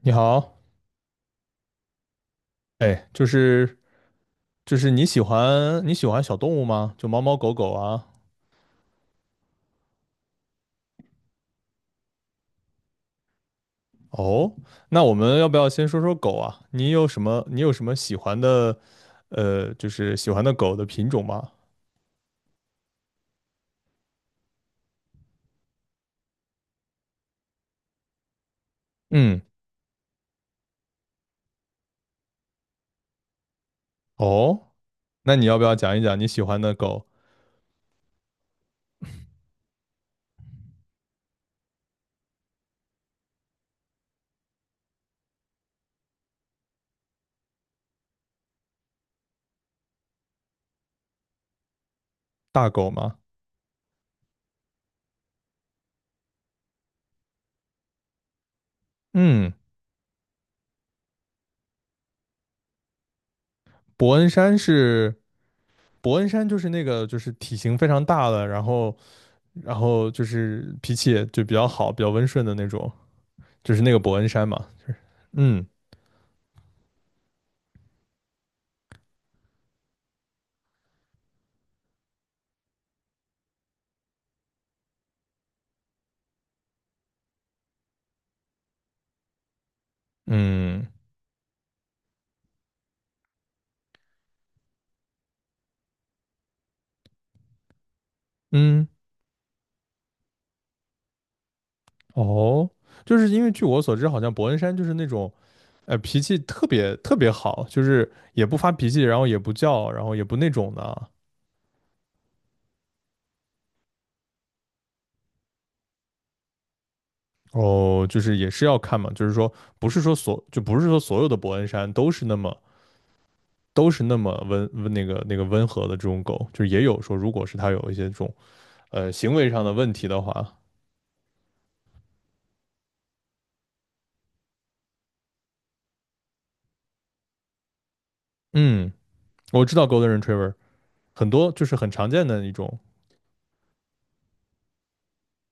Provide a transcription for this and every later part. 你好。哎，就是你喜欢小动物吗？就猫猫狗狗啊？哦，那我们要不要先说说狗啊？你有什么喜欢的，就是喜欢的狗的品种吗？嗯。哦，那你要不要讲一讲你喜欢的狗。大狗吗？嗯，伯恩山是伯恩山，就是那个就是体型非常大的，然后就是脾气也就比较好，比较温顺的那种，就是那个伯恩山嘛，就是嗯。嗯嗯。哦，就是因为据我所知，好像伯恩山就是那种脾气特别好，就是也不发脾气，然后也不叫，然后也不那种的啊。哦，就是也是要看嘛，就是说不是说所就不是说所有的伯恩山都是那么温温温和的这种狗，就是也有说如果是它有一些这种行为上的问题的话。嗯，我知道 Golden Retriever 很多就是很常见的一种。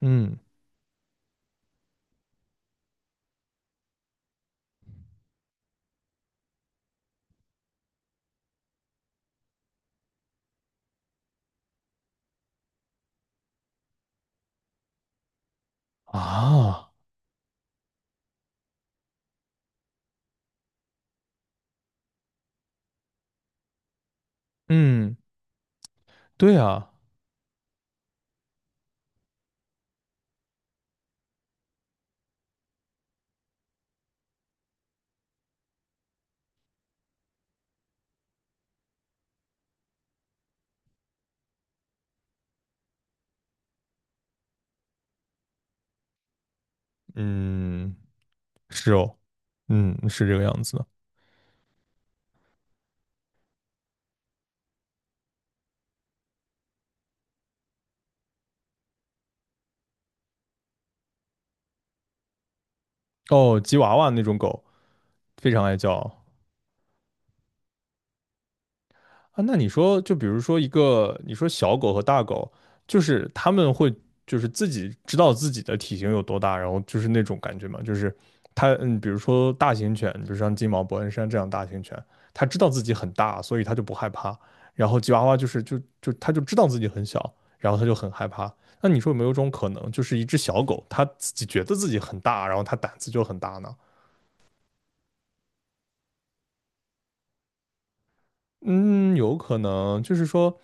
嗯。啊，嗯，对啊。嗯，是哦。嗯，是这个样子的。哦，吉娃娃那种狗非常爱叫。啊，那你说，就比如说一个，你说小狗和大狗，就是它们会就是自己知道自己的体型有多大，然后就是那种感觉嘛，就是它，嗯，比如说大型犬，比如像金毛、伯恩山这样大型犬，它知道自己很大，所以它就不害怕。然后吉娃娃就是它就知道自己很小，然后它就很害怕。那你说有没有一种可能，就是一只小狗，它自己觉得自己很大，然后它胆子就很大呢？嗯，有可能，就是说。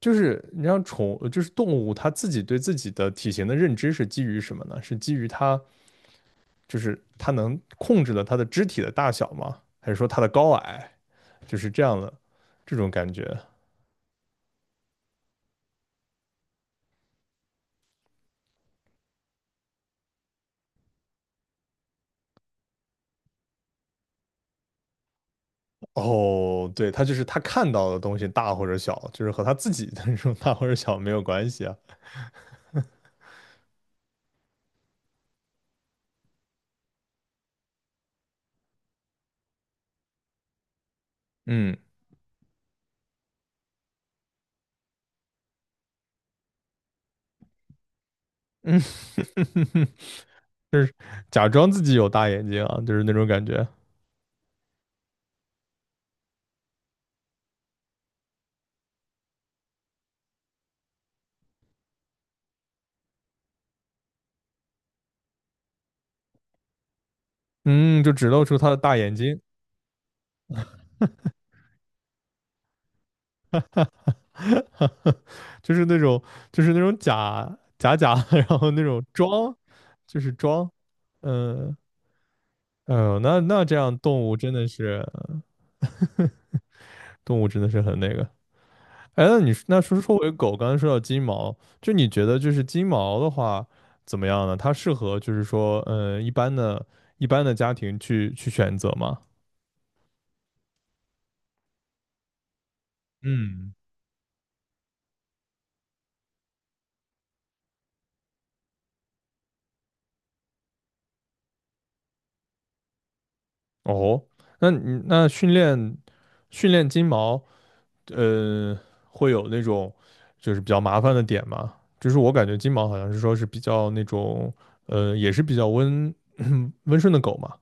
就是你像宠，就是动物，它自己对自己的体型的认知是基于什么呢？是基于它就是它能控制了它的肢体的大小吗？还是说它的高矮？就是这样的这种感觉。哦，对，它就是它看到的东西大或者小，就是和它自己的那种大或者小没有关系啊。嗯嗯。假装自己有大眼睛啊，就是那种感觉。嗯，就只露出它的大眼睛。就是那种假的然后那种装，就是装。嗯。哎呦，那这样动物真的是。动物真的是很那个。哎，那说说回狗，刚才说到金毛，就你觉得就是金毛的话怎么样呢？它适合就是说，一般的家庭去选择吗？嗯。哦，那你那训练训练金毛。呃，会有那种就是比较麻烦的点嘛，就是我感觉金毛好像是说是比较那种，也是比较温顺的狗嘛。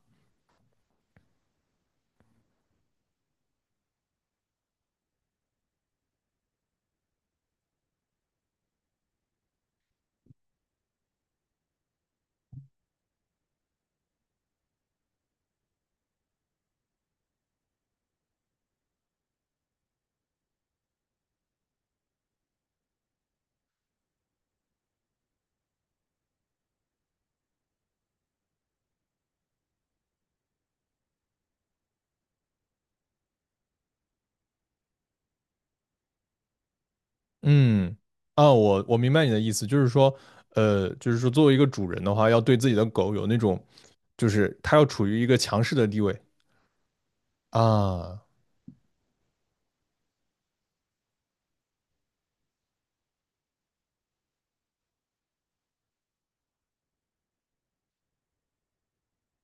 嗯。啊，我明白你的意思，就是说，就是说作为一个主人的话，要对自己的狗有那种，就是它要处于一个强势的地位啊。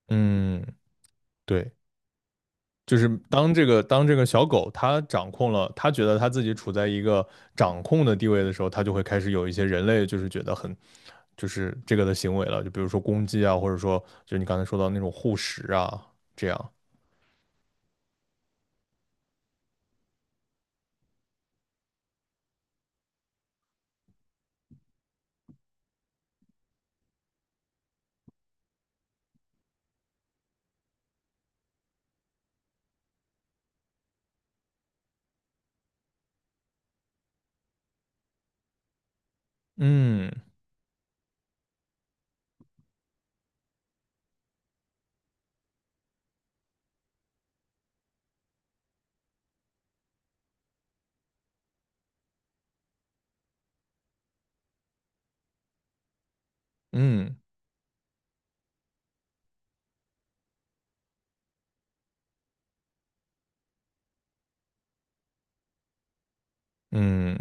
嗯，对。就是当这个小狗它掌控了，它觉得它自己处在一个掌控的地位的时候，它就会开始有一些人类就是觉得很，就是这个的行为了，就比如说攻击啊，或者说就你刚才说到那种护食啊，这样。嗯嗯嗯。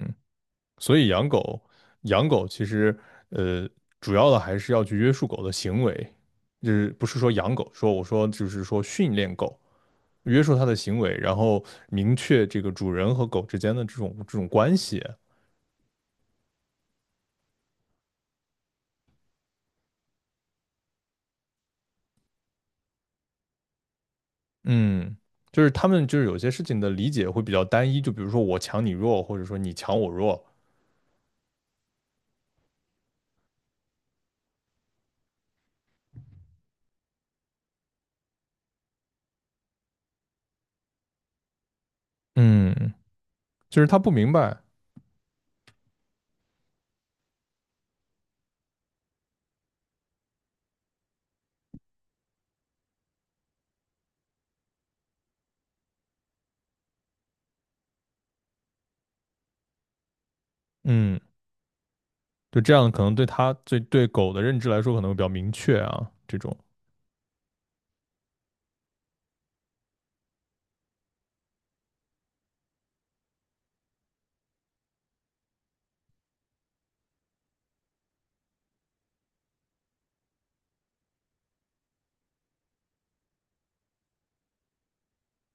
所以养狗其实呃主要的还是要去约束狗的行为，就是不是说养狗，说我说就是说训练狗。约束它的行为，然后明确这个主人和狗之间的这种关系。嗯，就是他们就是有些事情的理解会比较单一，就比如说我强你弱，或者说你强我弱。嗯，就是他不明白。嗯，就这样可能对他对狗的认知来说可能会比较明确啊，这种。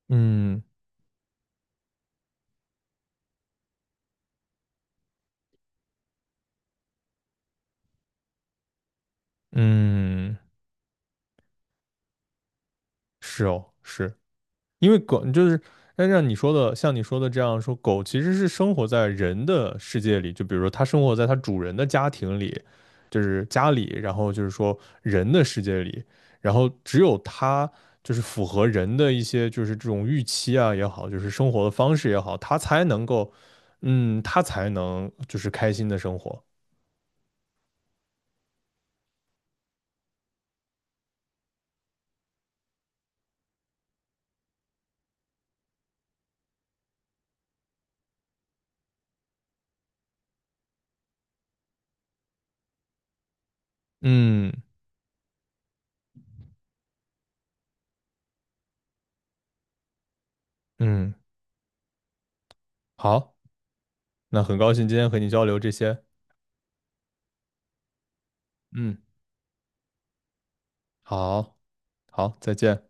嗯嗯，是哦，是。因为狗就是，但像你说的，这样说，狗其实是生活在人的世界里，就比如说它生活在它主人的家庭里，就是家里，然后就是说人的世界里，然后只有它就是符合人的一些就是这种预期啊也好，就是生活的方式也好，它才能够，嗯，它才能就是开心的生活。嗯嗯，好，那很高兴今天和你交流这些。嗯，好，好，再见。